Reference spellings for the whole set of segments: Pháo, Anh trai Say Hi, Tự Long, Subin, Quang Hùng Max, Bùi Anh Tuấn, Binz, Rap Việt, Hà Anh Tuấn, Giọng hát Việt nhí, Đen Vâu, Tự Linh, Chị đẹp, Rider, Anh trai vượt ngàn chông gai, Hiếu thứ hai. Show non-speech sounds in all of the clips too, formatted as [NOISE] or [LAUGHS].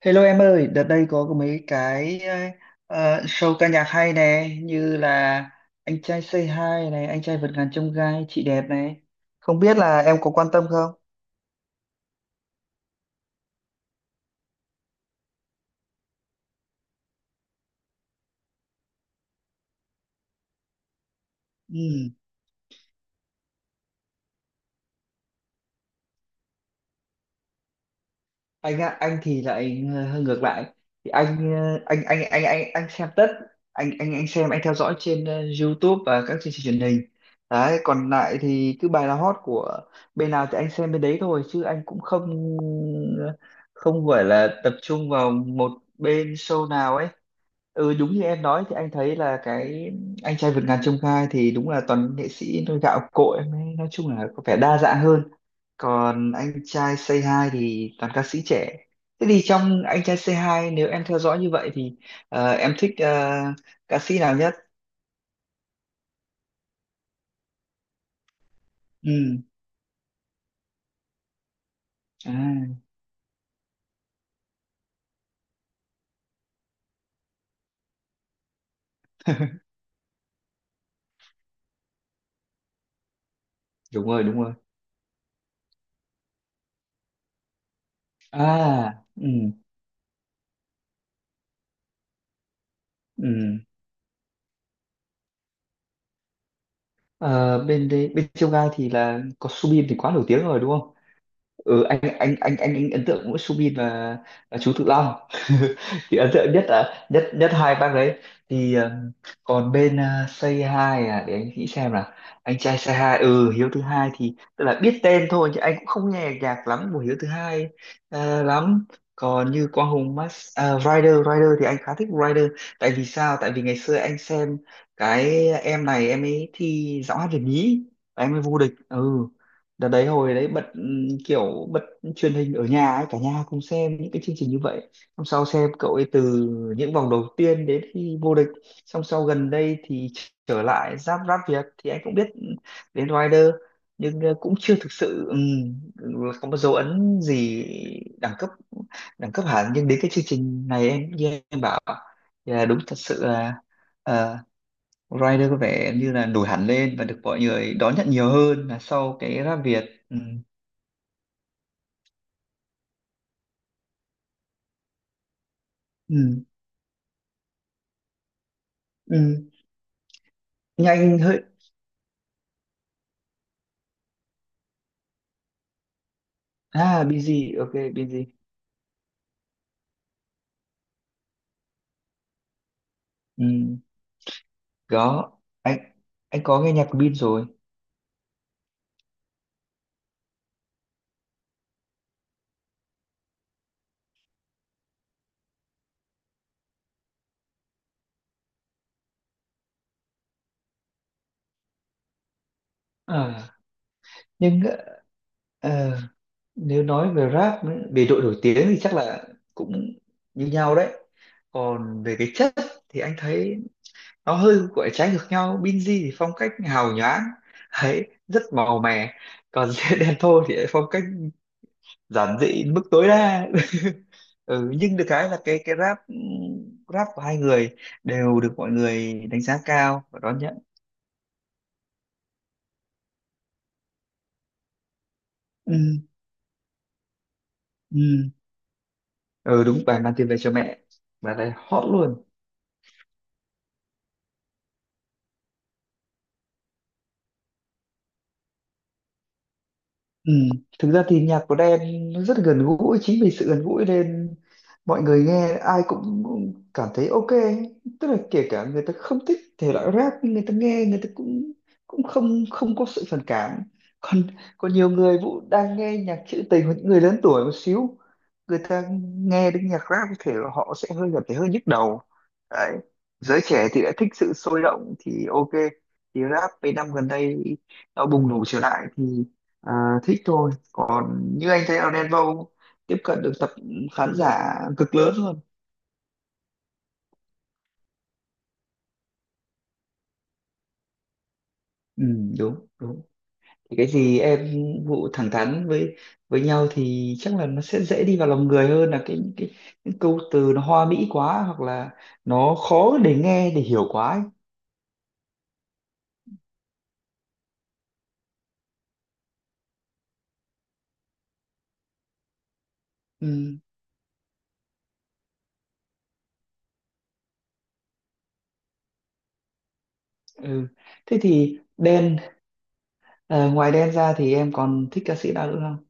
Hello em ơi, đợt đây có mấy cái show ca nhạc hay nè, như là Anh trai Say Hi này, Anh trai vượt ngàn chông gai, Chị đẹp này. Không biết là em có quan tâm không? Ừ. Anh thì lại hơi ngược lại. Thì anh xem tất. Anh theo dõi trên YouTube và các chương trình truyền hình đấy. Còn lại thì cứ bài nào hot của bên nào thì anh xem bên đấy thôi, chứ anh cũng ờ, không gọi là tập trung vào một bên show nào ấy. Ừ, đúng như em nói thì anh thấy là cái anh trai vượt ngàn chông gai thì đúng là toàn nghệ sĩ nôi gạo cội em ấy, nói chung là có vẻ đa dạng hơn. Còn anh trai Say Hi thì toàn ca sĩ trẻ. Thế thì trong anh trai Say Hi, nếu em theo dõi như vậy thì em thích ca sĩ nào nhất? Ừ. À. [LAUGHS] Đúng rồi, đúng rồi. À, ừ, ừ. Ờ, bên đấy, bên trong gai thì là có Subin thì quá nổi tiếng rồi đúng. Anh ấn tượng mỗi Subin, và chú Tự Long. [LAUGHS] Thì ấn tượng nhất là nhất nhất hai bác đấy. thì ờ, Còn bên Say Hi, à, để anh nghĩ xem là anh trai Say Hi, ừ, Hiếu thứ hai thì tức là biết tên thôi chứ anh cũng không nghe nhạc lắm của Hiếu thứ hai ờ, lắm còn như Quang Hùng Rider Rider thì anh khá thích Rider. Tại vì sao? Tại vì ngày xưa anh xem cái em này, em ấy thi giọng hát Việt nhí và em ấy vô địch. Ừ, đợt đấy hồi đấy bật kiểu bật truyền hình ở nhà ấy, cả nhà cùng xem những cái chương trình như vậy. Xong sau xem cậu ấy từ những vòng đầu tiên đến khi vô địch, xong sau gần đây thì trở lại Giáp Rap Việt thì anh cũng biết đến Rider. Nhưng cũng chưa thực sự có một dấu ấn gì đẳng cấp đẳng cấp hẳn, nhưng đến cái chương trình này, em như em bảo là đúng thật sự là ờ, Rider có vẻ như là nổi hẳn lên và được mọi người đón nhận nhiều hơn là sau cái Rap Việt. Ừ. Ừ. Ừ. Nhanh hơi. À, Busy, ok Busy. Ừ. Có, anh anh có nghe nhạc của Bin rồi. À, nhưng ờ, nếu nói về rap ấy, về độ nổi tiếng thì chắc là cũng như nhau đấy. Còn về cái chất thì anh thấy nó hơi gọi là trái ngược nhau. Binz thì phong cách hào nhoáng ấy, rất màu mè. Còn [LAUGHS] Đen Vâu thì lại phong cách giản dị đến mức tối đa. [LAUGHS] Nhưng được cái là rap của hai người đều được mọi người đánh giá cao và đón nhận. Ừ, ừ. Ừ, đúng, bài mang tiền về cho mẹ, bài này hot luôn. Ừ. Thực ra thì nhạc của Đen nó rất gần gũi, chính vì sự gần gũi nên mọi người nghe ai cũng cũng cảm thấy ok. Tức là kể cả người ta không thích thể loại rap nhưng người ta nghe, người ta cũng cũng không không có sự phản cảm. Còn còn nhiều người Vũ đang nghe nhạc trữ tình hoặc những người lớn tuổi một xíu, người ta nghe đến nhạc rap có thể là họ sẽ hơi cảm thấy hơi nhức đầu đấy. Giới trẻ thì lại thích sự sôi động thì ok, thì rap mấy năm gần đây nó bùng nổ trở lại thì. À, thích thôi, còn như anh thấy là Đen Vâu tiếp cận được tập khán giả cực lớn luôn. Ừ, đúng, đúng. Thì cái gì em vụ thẳng thắn với nhau thì chắc là nó sẽ dễ đi vào lòng người hơn là những câu từ nó hoa mỹ quá hoặc là nó khó để nghe để hiểu quá ấy. Ừ, ừ. Thế thì Đen, à, ngoài Đen ra thì em còn thích ca sĩ nào nữa không?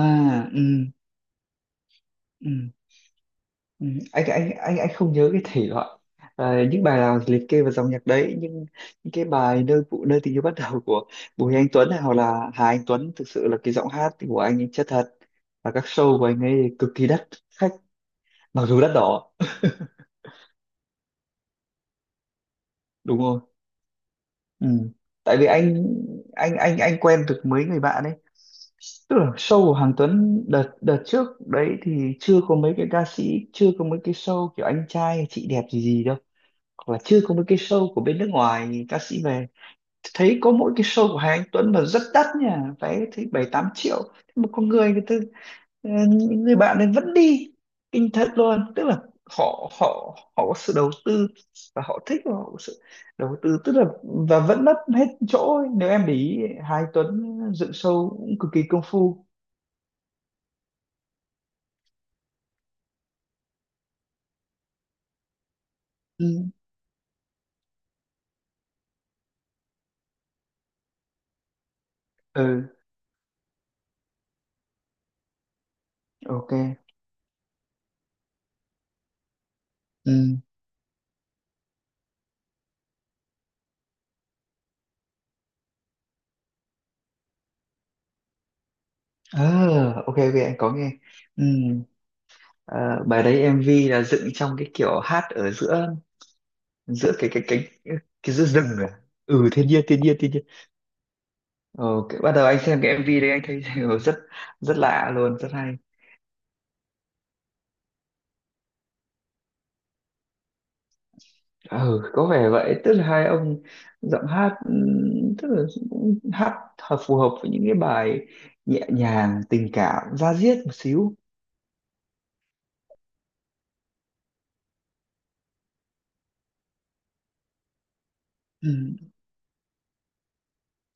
À, ừ, ừ. Ừ, anh không nhớ cái thể loại, à, những bài nào liệt kê vào dòng nhạc đấy, nhưng những cái bài nơi tình yêu bắt đầu của Bùi Anh Tuấn này hoặc là Hà Anh Tuấn, thực sự là cái giọng hát của anh ấy chất thật, và các show của anh ấy cực kỳ đắt khách, mặc dù đắt đỏ đúng không. Ừ. Tại vì anh quen được mấy người bạn ấy, tức là show của Hoàng Tuấn đợt đợt trước đấy thì chưa có mấy cái ca sĩ, chưa có mấy cái show kiểu anh trai chị đẹp gì gì đâu, hoặc là chưa có mấy cái show của bên nước ngoài ca sĩ về. Thấy có mỗi cái show của Hà Anh Tuấn mà rất đắt nha, vé thấy 7-8 triệu. Thế mà con người người ta, những người bạn này vẫn đi, kinh thật luôn. Tức là họ họ họ có sự đầu tư, và họ thích và họ có sự đầu tư, tức là và vẫn mất hết chỗ ấy. Nếu em để ý, Hà Anh Tuấn dựng show cũng cực kỳ công phu. Ừ, ừ, ok, ừ. À, ok, ok, anh có nghe. Ừ. Ờ, bài đấy MV là dựng trong cái kiểu hát ở giữa giữa cái giữa rừng rồi. Ừ, thiên nhiên, thiên nhiên, thiên nhiên. Bắt đầu anh xem cái MV đấy anh thấy [LAUGHS] rất rất lạ luôn, rất hay. Ừ, có vẻ vậy, tức là hai ông giọng hát tức là cũng hát phù hợp với những cái bài nhẹ nhàng tình cảm da diết một xíu. Ừ.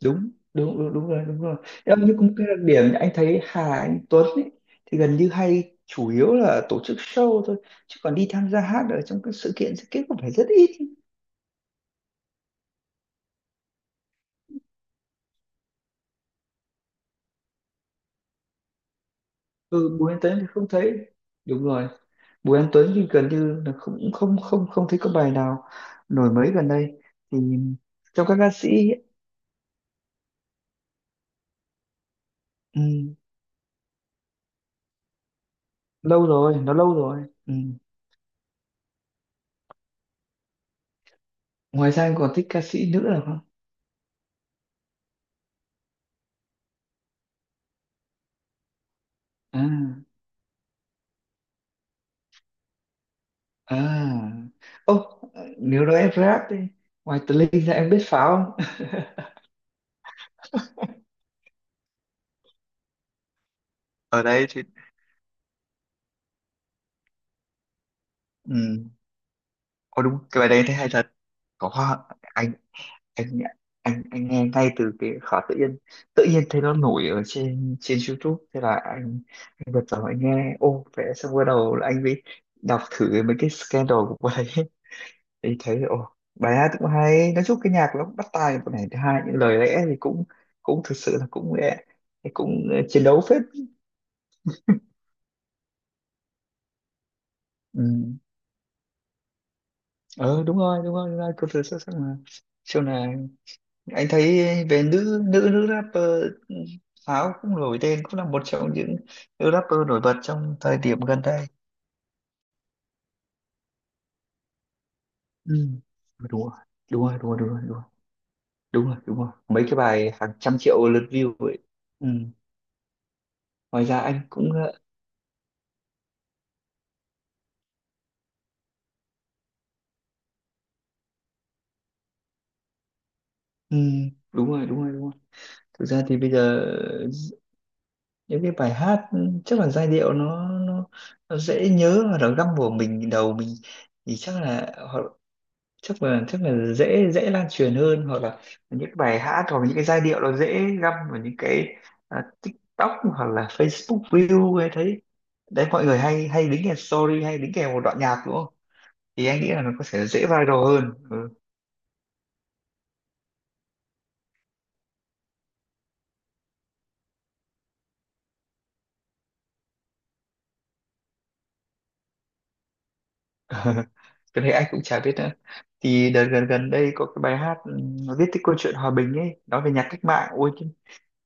Đúng, đúng, đúng, đúng rồi, đúng rồi. Em như cũng cái đặc điểm anh thấy Hà Anh Tuấn ấy, thì gần như hay chủ yếu là tổ chức show thôi, chứ còn đi tham gia hát ở trong các sự kiện cũng phải rất ít. Ừ, Bùi Anh Tuấn thì không thấy, đúng rồi, Bùi Anh Tuấn thì gần như là không không không không thấy có bài nào nổi mấy gần đây thì, trong các ca sĩ ấy, ừ, lâu rồi, nó lâu rồi, ừ. Ngoài ra anh còn thích ca sĩ nữ nào không? À, à, ô, nếu nói em rap đi, ngoài Tự Linh ra em biết Pháo không? Ở đây thì, ừ. Ôi đúng, cái bài đấy thấy hay thật, có hoa anh anh nghe ngay từ cái khóa tự nhiên, tự nhiên thấy nó nổi ở trên trên YouTube, thế là anh bật vào anh nghe, ô vẽ, xong bắt đầu là anh mới đọc thử mấy cái scandal của bài ấy. [LAUGHS] Thì thấy ô bài hát cũng hay, nói chung cái nhạc nó cũng bắt tai một này, thứ hai những lời lẽ thì cũng cũng thực sự là cũng cũng cũng ờ, chiến đấu phết. Ừ. Ờ đúng rồi, đúng rồi, đúng rồi, cô thử xuất sắc mà. Sau này anh thấy về nữ nữ nữ rapper, Pháo cũng nổi tên cũng là một trong những nữ rapper nổi bật trong thời điểm gần đây. Ừ. Đúng rồi, đúng rồi, đúng rồi, đúng rồi, đúng rồi, đúng rồi, đúng rồi, mấy cái bài hàng trăm triệu lượt view ấy. Ừ. Ngoài ra anh cũng ừ. Đúng rồi, đúng rồi, đúng rồi. Thực ra thì bây giờ những cái bài hát chắc là giai điệu nó dễ nhớ và nó găm vào đầu mình thì chắc là dễ dễ lan truyền hơn. Hoặc là những bài hát, hoặc những cái giai điệu nó dễ găm vào những cái, à, TikTok hoặc là Facebook Reel hay thấy đấy, mọi người hay hay đính kèm story hay đính kèm một đoạn nhạc đúng không, thì anh nghĩ là nó có thể dễ viral hơn. Ừ. [LAUGHS] Cái này anh cũng chả biết nữa. Thì đợt gần gần đây có cái bài hát nó viết cái câu chuyện hòa bình ấy, nói về nhạc cách mạng ôi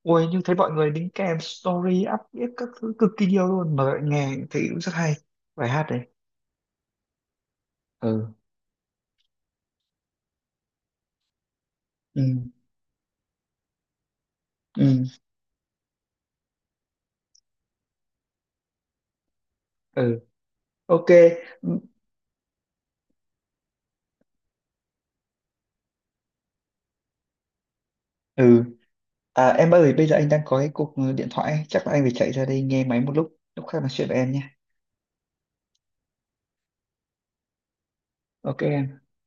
ôi, nhưng thấy mọi người đính kèm story up viết các thứ cực kỳ nhiều luôn, mà nghe thấy cũng rất hay bài hát đấy. Ừ, ừ, ừ, ừ, ok, ừ. À, em ơi, bây giờ anh đang có cái cuộc điện thoại, chắc là anh phải chạy ra đây nghe máy một lúc, lúc khác nói chuyện với em nhé. Ok em.